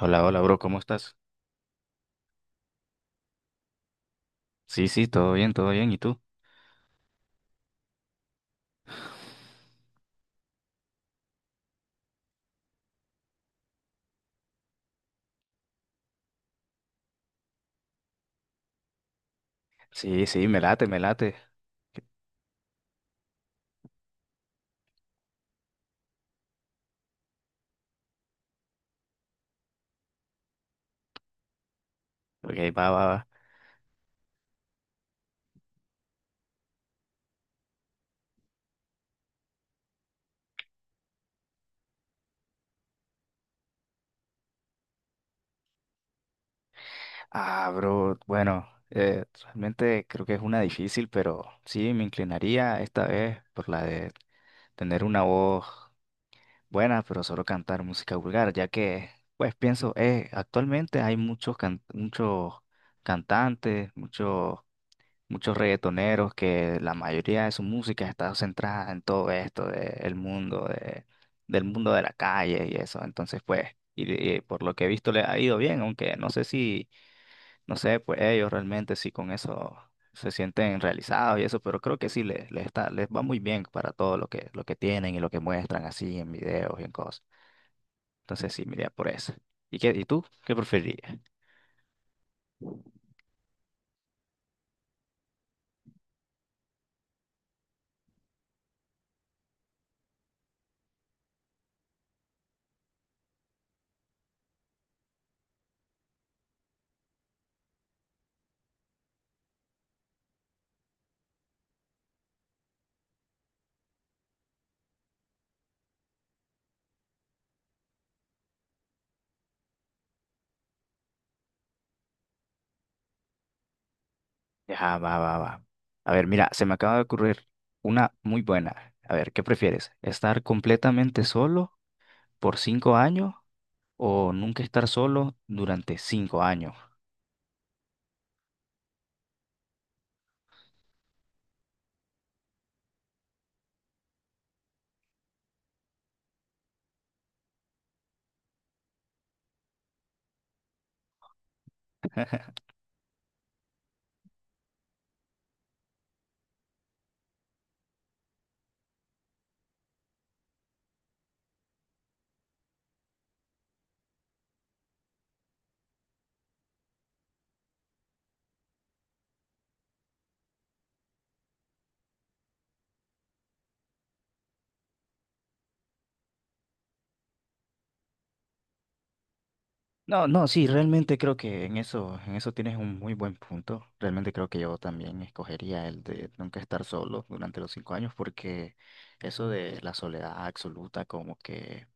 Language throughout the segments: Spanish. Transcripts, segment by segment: Hola, hola, bro, ¿cómo estás? Sí, sí, todo bien, todo bien. ¿Y tú? Sí, sí, me late, me late. Ok, va, va, va. Ah, bro, bueno, realmente creo que es una difícil, pero sí, me inclinaría esta vez por la de tener una voz buena, pero solo cantar música vulgar, ya que, pues pienso, actualmente hay muchos cantantes, muchos reggaetoneros que la mayoría de su música está centrada en todo esto del mundo de la calle y eso. Entonces, pues, y por lo que he visto le ha ido bien, aunque no sé, pues ellos realmente si con eso se sienten realizados y eso, pero creo que sí les está, les va muy bien para todo lo lo que tienen y lo que muestran así en videos y en cosas. Entonces, sí, me iría por eso. ¿Y qué, y tú? ¿Qué preferirías? Ya, va, va, va. A ver, mira, se me acaba de ocurrir una muy buena. A ver, ¿qué prefieres? ¿Estar completamente solo por 5 años o nunca estar solo durante 5 años? No, no, sí, realmente creo que en eso tienes un muy buen punto. Realmente creo que yo también escogería el de nunca estar solo durante los 5 años porque eso de la soledad absoluta como que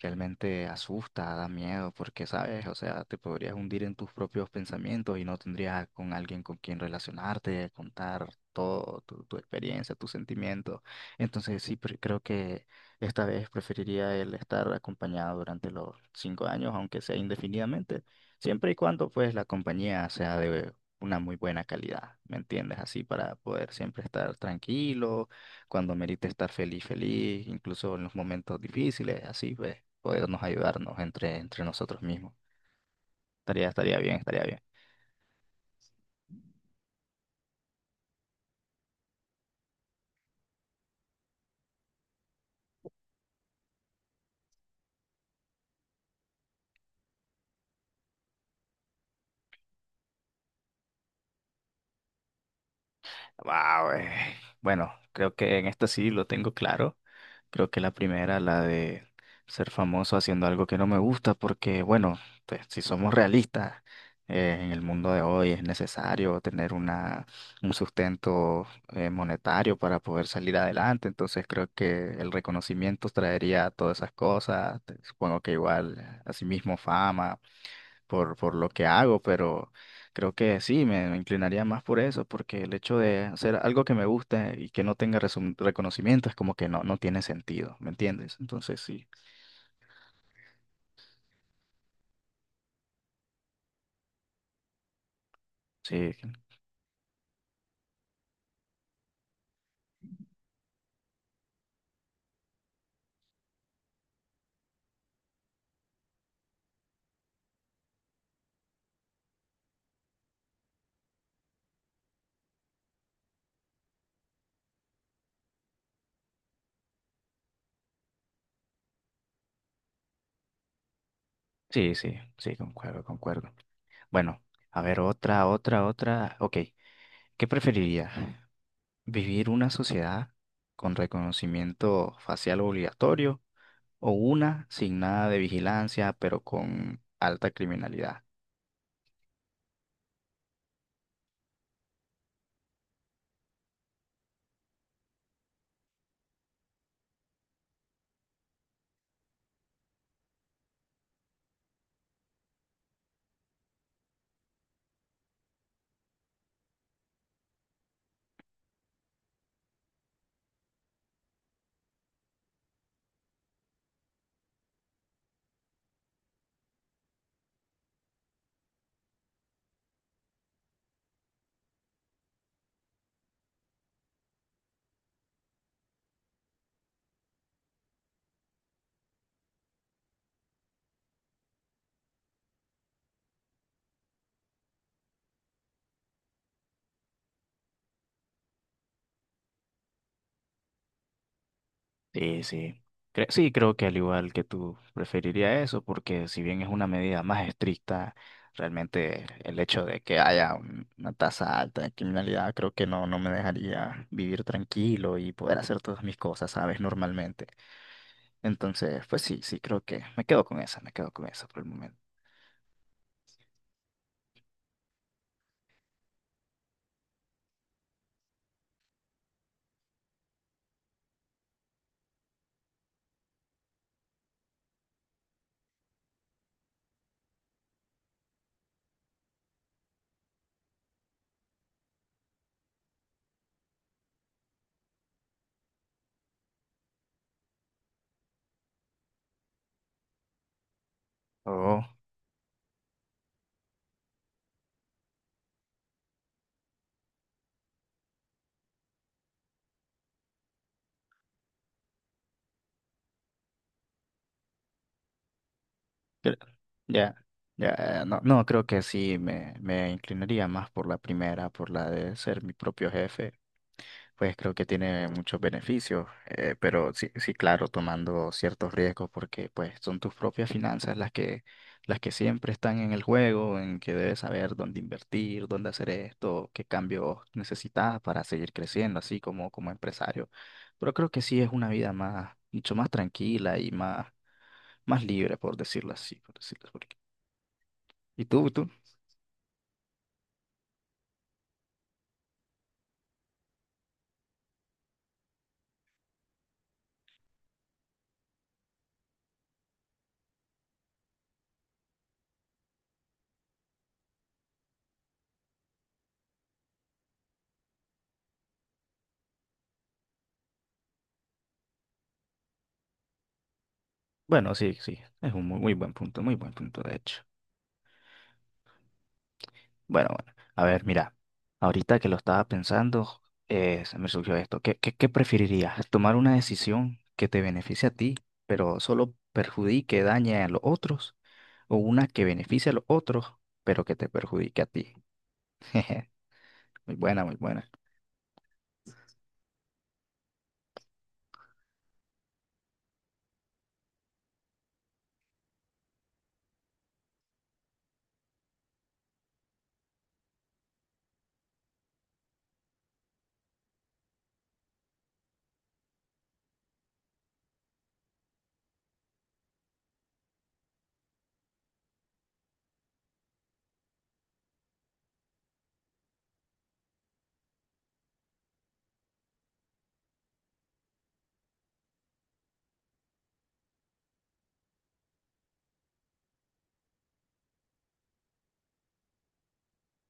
realmente asusta, da miedo, porque, ¿sabes? O sea, te podrías hundir en tus propios pensamientos y no tendrías con alguien con quien relacionarte, contar todo, tu experiencia, tus sentimientos. Entonces, sí, creo que esta vez preferiría el estar acompañado durante los 5 años, aunque sea indefinidamente, siempre y cuando, pues, la compañía sea de una muy buena calidad, ¿me entiendes? Así para poder siempre estar tranquilo cuando merite estar feliz, feliz, incluso en los momentos difíciles, así pues, podernos ayudarnos entre nosotros mismos. Estaría bien, estaría bien. Wow, bueno, creo que en esta sí lo tengo claro. Creo que la primera, la de ser famoso haciendo algo que no me gusta, porque bueno, pues, si somos realistas, en el mundo de hoy es necesario tener un sustento monetario para poder salir adelante. Entonces creo que el reconocimiento traería todas esas cosas. Supongo que igual, asimismo, fama por lo que hago, pero creo que sí, me inclinaría más por eso, porque el hecho de hacer algo que me gusta y que no tenga reconocimiento es como que no, no tiene sentido, ¿me entiendes? Entonces sí, sí, sí, sí, sí, concuerdo, concuerdo. Bueno, a ver, otra, otra, otra. Ok, ¿qué preferiría? ¿Vivir una sociedad con reconocimiento facial obligatorio o una sin nada de vigilancia, pero con alta criminalidad? Sí, sí. Sí, creo que al igual que tú preferiría eso, porque si bien es una medida más estricta, realmente el hecho de que haya una tasa alta de criminalidad creo que no, no me dejaría vivir tranquilo y poder hacer todas mis cosas, ¿sabes? Normalmente. Entonces, pues sí, sí, creo que me quedo con esa, me quedo con esa por el momento. Oh. Cre- ya, ya, no, no, creo que sí me inclinaría más por la primera, por la de ser mi propio jefe. Pues creo que tiene muchos beneficios, pero sí, sí, claro, tomando ciertos riesgos porque pues son tus propias finanzas las que siempre están en el juego, en que debes saber dónde invertir, dónde hacer esto, qué cambios necesitas para seguir creciendo, así como empresario. Pero creo que sí es una vida mucho más tranquila y más libre, por decirlo así, por decirlo porque... ¿Y tú? Bueno, sí, sí, es un muy, muy buen punto, de hecho. Bueno, bueno, a ver, mira, ahorita que lo estaba pensando, se me surgió esto. ¿Qué, qué, qué preferirías? ¿Tomar una decisión que te beneficie a ti, pero solo perjudique, dañe a los otros? ¿O una que beneficie a los otros, pero que te perjudique a ti? Muy buena, muy buena.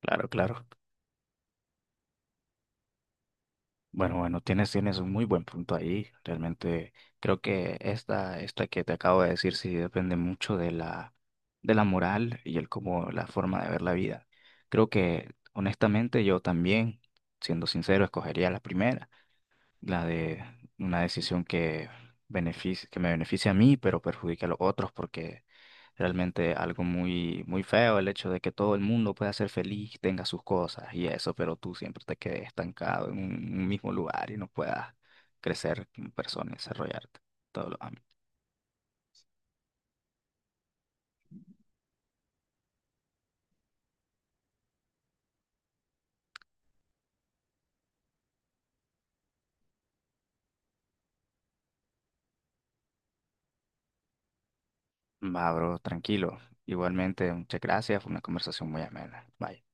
Claro, claro. Bueno, bueno, tienes, tienes un muy buen punto ahí. Realmente creo que esta que te acabo de decir sí depende mucho de la moral y el cómo, la forma de ver la vida. Creo que honestamente yo también, siendo sincero, escogería la primera la de una decisión que que me beneficia a mí, pero perjudica a los otros, porque realmente algo muy, muy feo el hecho de que todo el mundo pueda ser feliz, tenga sus cosas y eso, pero tú siempre te quedes estancado en un mismo lugar y no puedas crecer como persona y desarrollarte. Todo lo Va, bro, tranquilo. Igualmente, muchas gracias, fue una conversación muy amena. Bye.